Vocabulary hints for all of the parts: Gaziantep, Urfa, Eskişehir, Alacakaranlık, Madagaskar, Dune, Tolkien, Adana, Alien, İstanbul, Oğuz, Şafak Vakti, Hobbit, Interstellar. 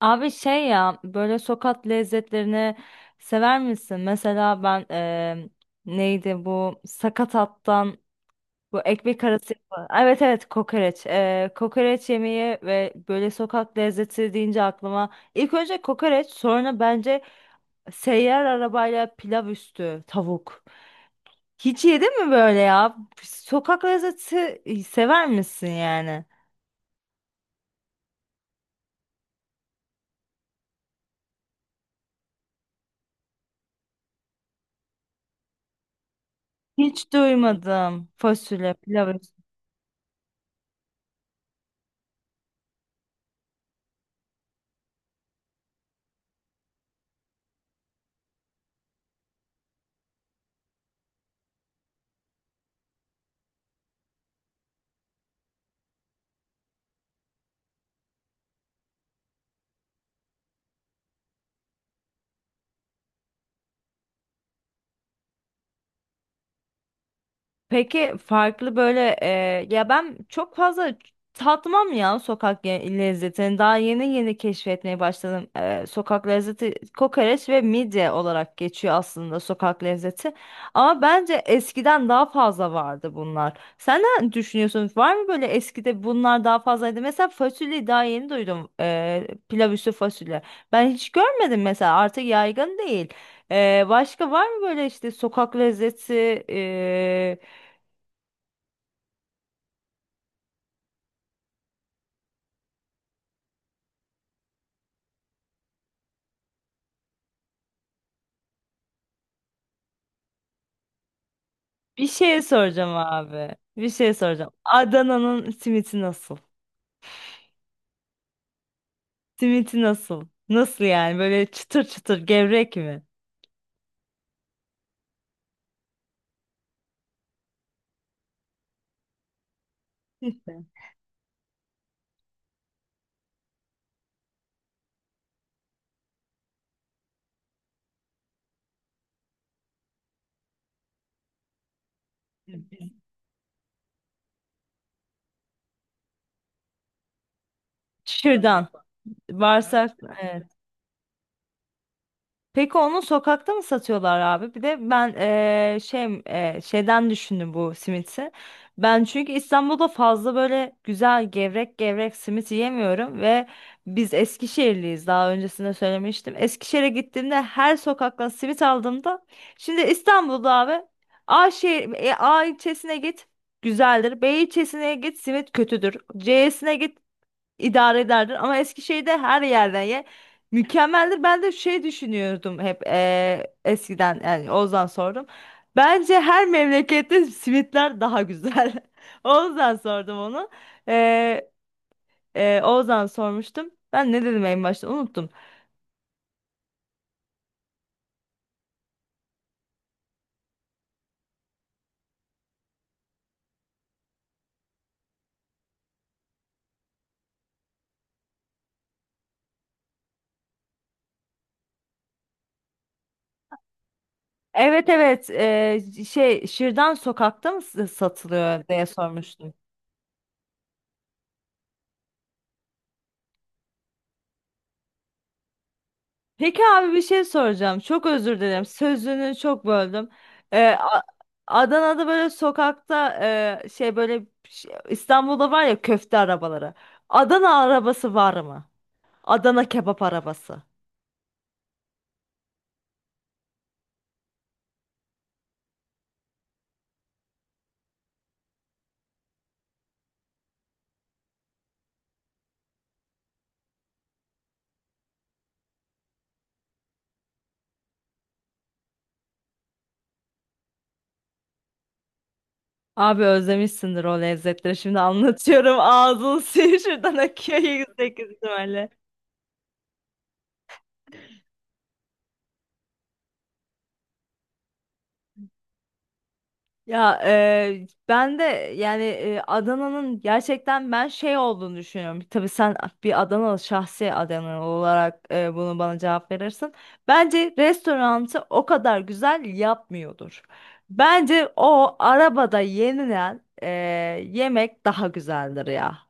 Abi şey ya, böyle sokak lezzetlerini sever misin? Mesela ben neydi bu sakatattan bu ekmek arası evet evet, kokoreç. Kokoreç yemeği. Ve böyle sokak lezzeti deyince aklıma ilk önce kokoreç, sonra bence seyyar arabayla pilav üstü tavuk. Hiç yedin mi böyle ya? Sokak lezzeti, sever misin yani? Hiç duymadım fasulye pilav üstü. Peki farklı böyle, ya ben çok fazla tatmam ya sokak lezzetini. Daha yeni yeni keşfetmeye başladım. Sokak lezzeti kokoreç ve midye olarak geçiyor aslında sokak lezzeti. Ama bence eskiden daha fazla vardı bunlar. Sen ne düşünüyorsun? Var mı böyle, eskide bunlar daha fazlaydı? Mesela fasulyeyi daha yeni duydum. Pilav üstü fasulye. Ben hiç görmedim mesela, artık yaygın değil. Başka var mı böyle işte sokak lezzeti? e, Bir şey soracağım abi. Bir şey soracağım. Adana'nın simiti nasıl? Simiti nasıl? Nasıl yani? Böyle çıtır çıtır gevrek mi? Kesinlikle. Şuradan. Ha? Bağırsak. Peki onu sokakta mı satıyorlar abi? Bir de ben şey, şeyden düşündüm bu simiti. Ben çünkü İstanbul'da fazla böyle güzel gevrek gevrek simit yiyemiyorum ve biz Eskişehirliyiz, daha öncesinde söylemiştim. Eskişehir'e gittiğimde her sokaktan simit aldığımda, şimdi İstanbul'da abi, A şehir, A ilçesine git güzeldir, B ilçesine git simit kötüdür, C'sine git idare ederdin, ama Eskişehir'de her yerden ye mükemmeldir. Ben de şey düşünüyordum hep, eskiden. Yani Oğuz'dan sordum. Bence her memlekette simitler daha güzel. Oğuz'dan sordum onu. Eee Oğuz'dan sormuştum. Ben ne dedim en başta, unuttum. Evet evet, şey, şırdan sokakta mı satılıyor diye sormuştum. Peki abi, bir şey soracağım. Çok özür dilerim, sözünü çok böldüm. Ee, A- Adana'da böyle sokakta, şey, İstanbul'da var ya köfte arabaları. Adana arabası var mı? Adana kebap arabası. Abi özlemişsindir o lezzetleri. Şimdi anlatıyorum. Ağzın suyu şuradan akıyor yüksek ihtimalle. Ya ben de yani, Adana'nın gerçekten ben şey olduğunu düşünüyorum. Tabii sen bir Adanalı, şahsi Adanalı olarak bunu bana cevap verirsin. Bence restoranı o kadar güzel yapmıyordur. Bence o arabada yenilen yemek daha güzeldir ya.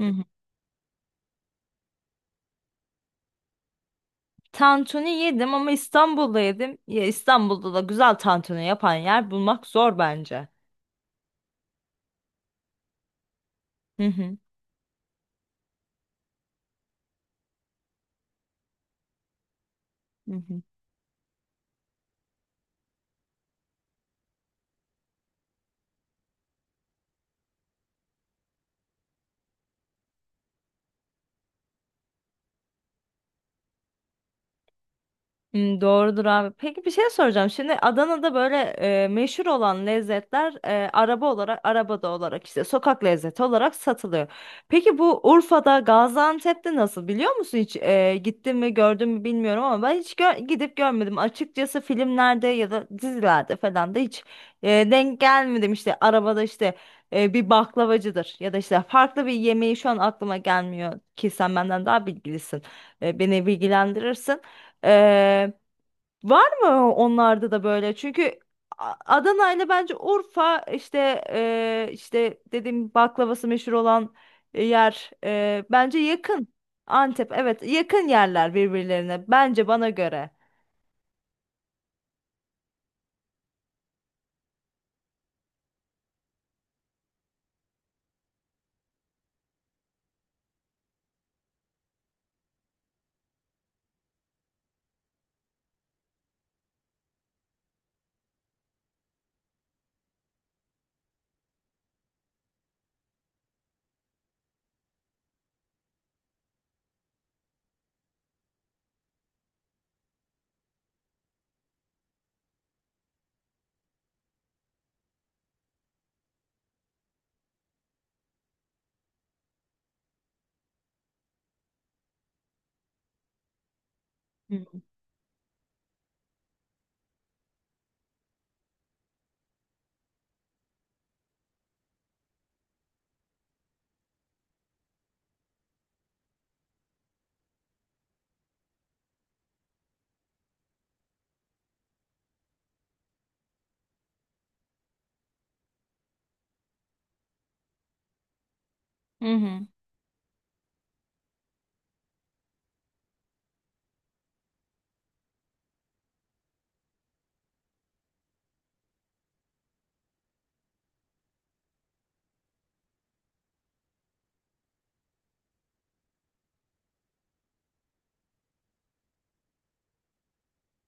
Hı hı. Tantuni yedim ama İstanbul'da yedim. Ya İstanbul'da da güzel tantuni yapan yer bulmak zor bence. Hı hı. Hı hı. Hmm, doğrudur abi. Peki bir şey soracağım. Şimdi Adana'da böyle meşhur olan lezzetler, araba olarak, arabada olarak işte sokak lezzeti olarak satılıyor. Peki bu Urfa'da, Gaziantep'te nasıl, biliyor musun hiç? E, gittin mi, gördün mü bilmiyorum ama ben hiç gidip görmedim. Açıkçası filmlerde ya da dizilerde falan da hiç denk gelmedim. İşte arabada, işte bir baklavacıdır ya da işte farklı bir yemeği şu an aklıma gelmiyor ki, sen benden daha bilgilisin. E, beni bilgilendirirsin. Var mı onlarda da böyle? Çünkü Adana ile bence Urfa, işte işte dediğim baklavası meşhur olan yer, bence yakın. Antep, evet, yakın yerler birbirlerine, bence bana göre. Hı hı.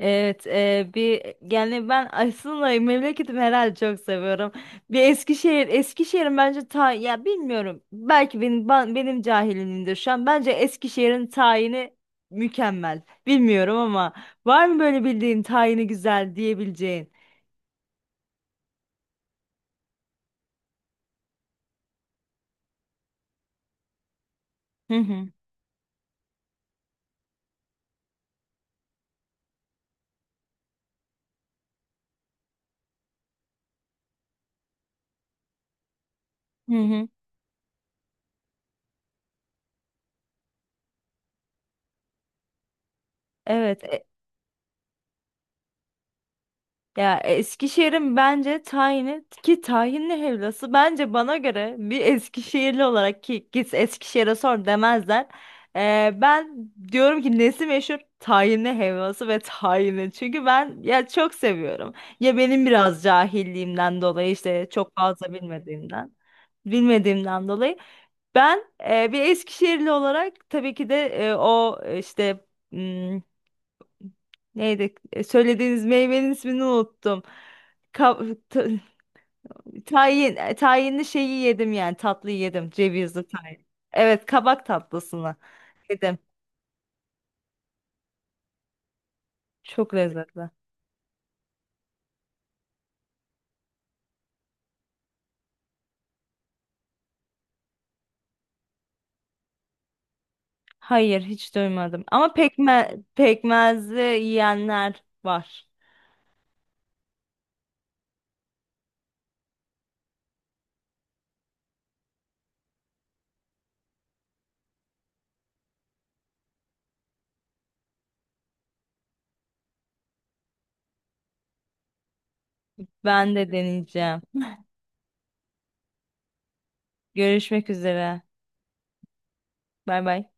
Evet, bir, yani ben aslında memleketimi herhalde çok seviyorum. Bir Eskişehir, Eskişehir'in bence ta, ya bilmiyorum, belki benim benim cahilimdir şu an. Bence Eskişehir'in tayini mükemmel. Bilmiyorum ama var mı böyle bildiğin tayini güzel diyebileceğin? Hı hı. Hı hı. Evet. Ya Eskişehir'in bence tayini ki tahinli helvası, bence bana göre, bir Eskişehirli olarak ki git Eskişehir'e sor demezler. Ben diyorum ki nesi meşhur? Tahinli helvası ve tahini. Çünkü ben ya çok seviyorum. Ya benim biraz cahilliğimden dolayı, işte çok fazla bilmediğimden dolayı ben, bir Eskişehirli olarak tabii ki de o işte, neydi? E, söylediğiniz meyvenin ismini unuttum. Ka- ta- tayin, tayinli şeyi yedim, yani tatlıyı yedim. Cevizli tayin. Evet, kabak tatlısını yedim. Çok lezzetli. Hayır, hiç duymadım. Ama pekmezli yiyenler var. Ben de deneyeceğim. Görüşmek üzere. Bay bay.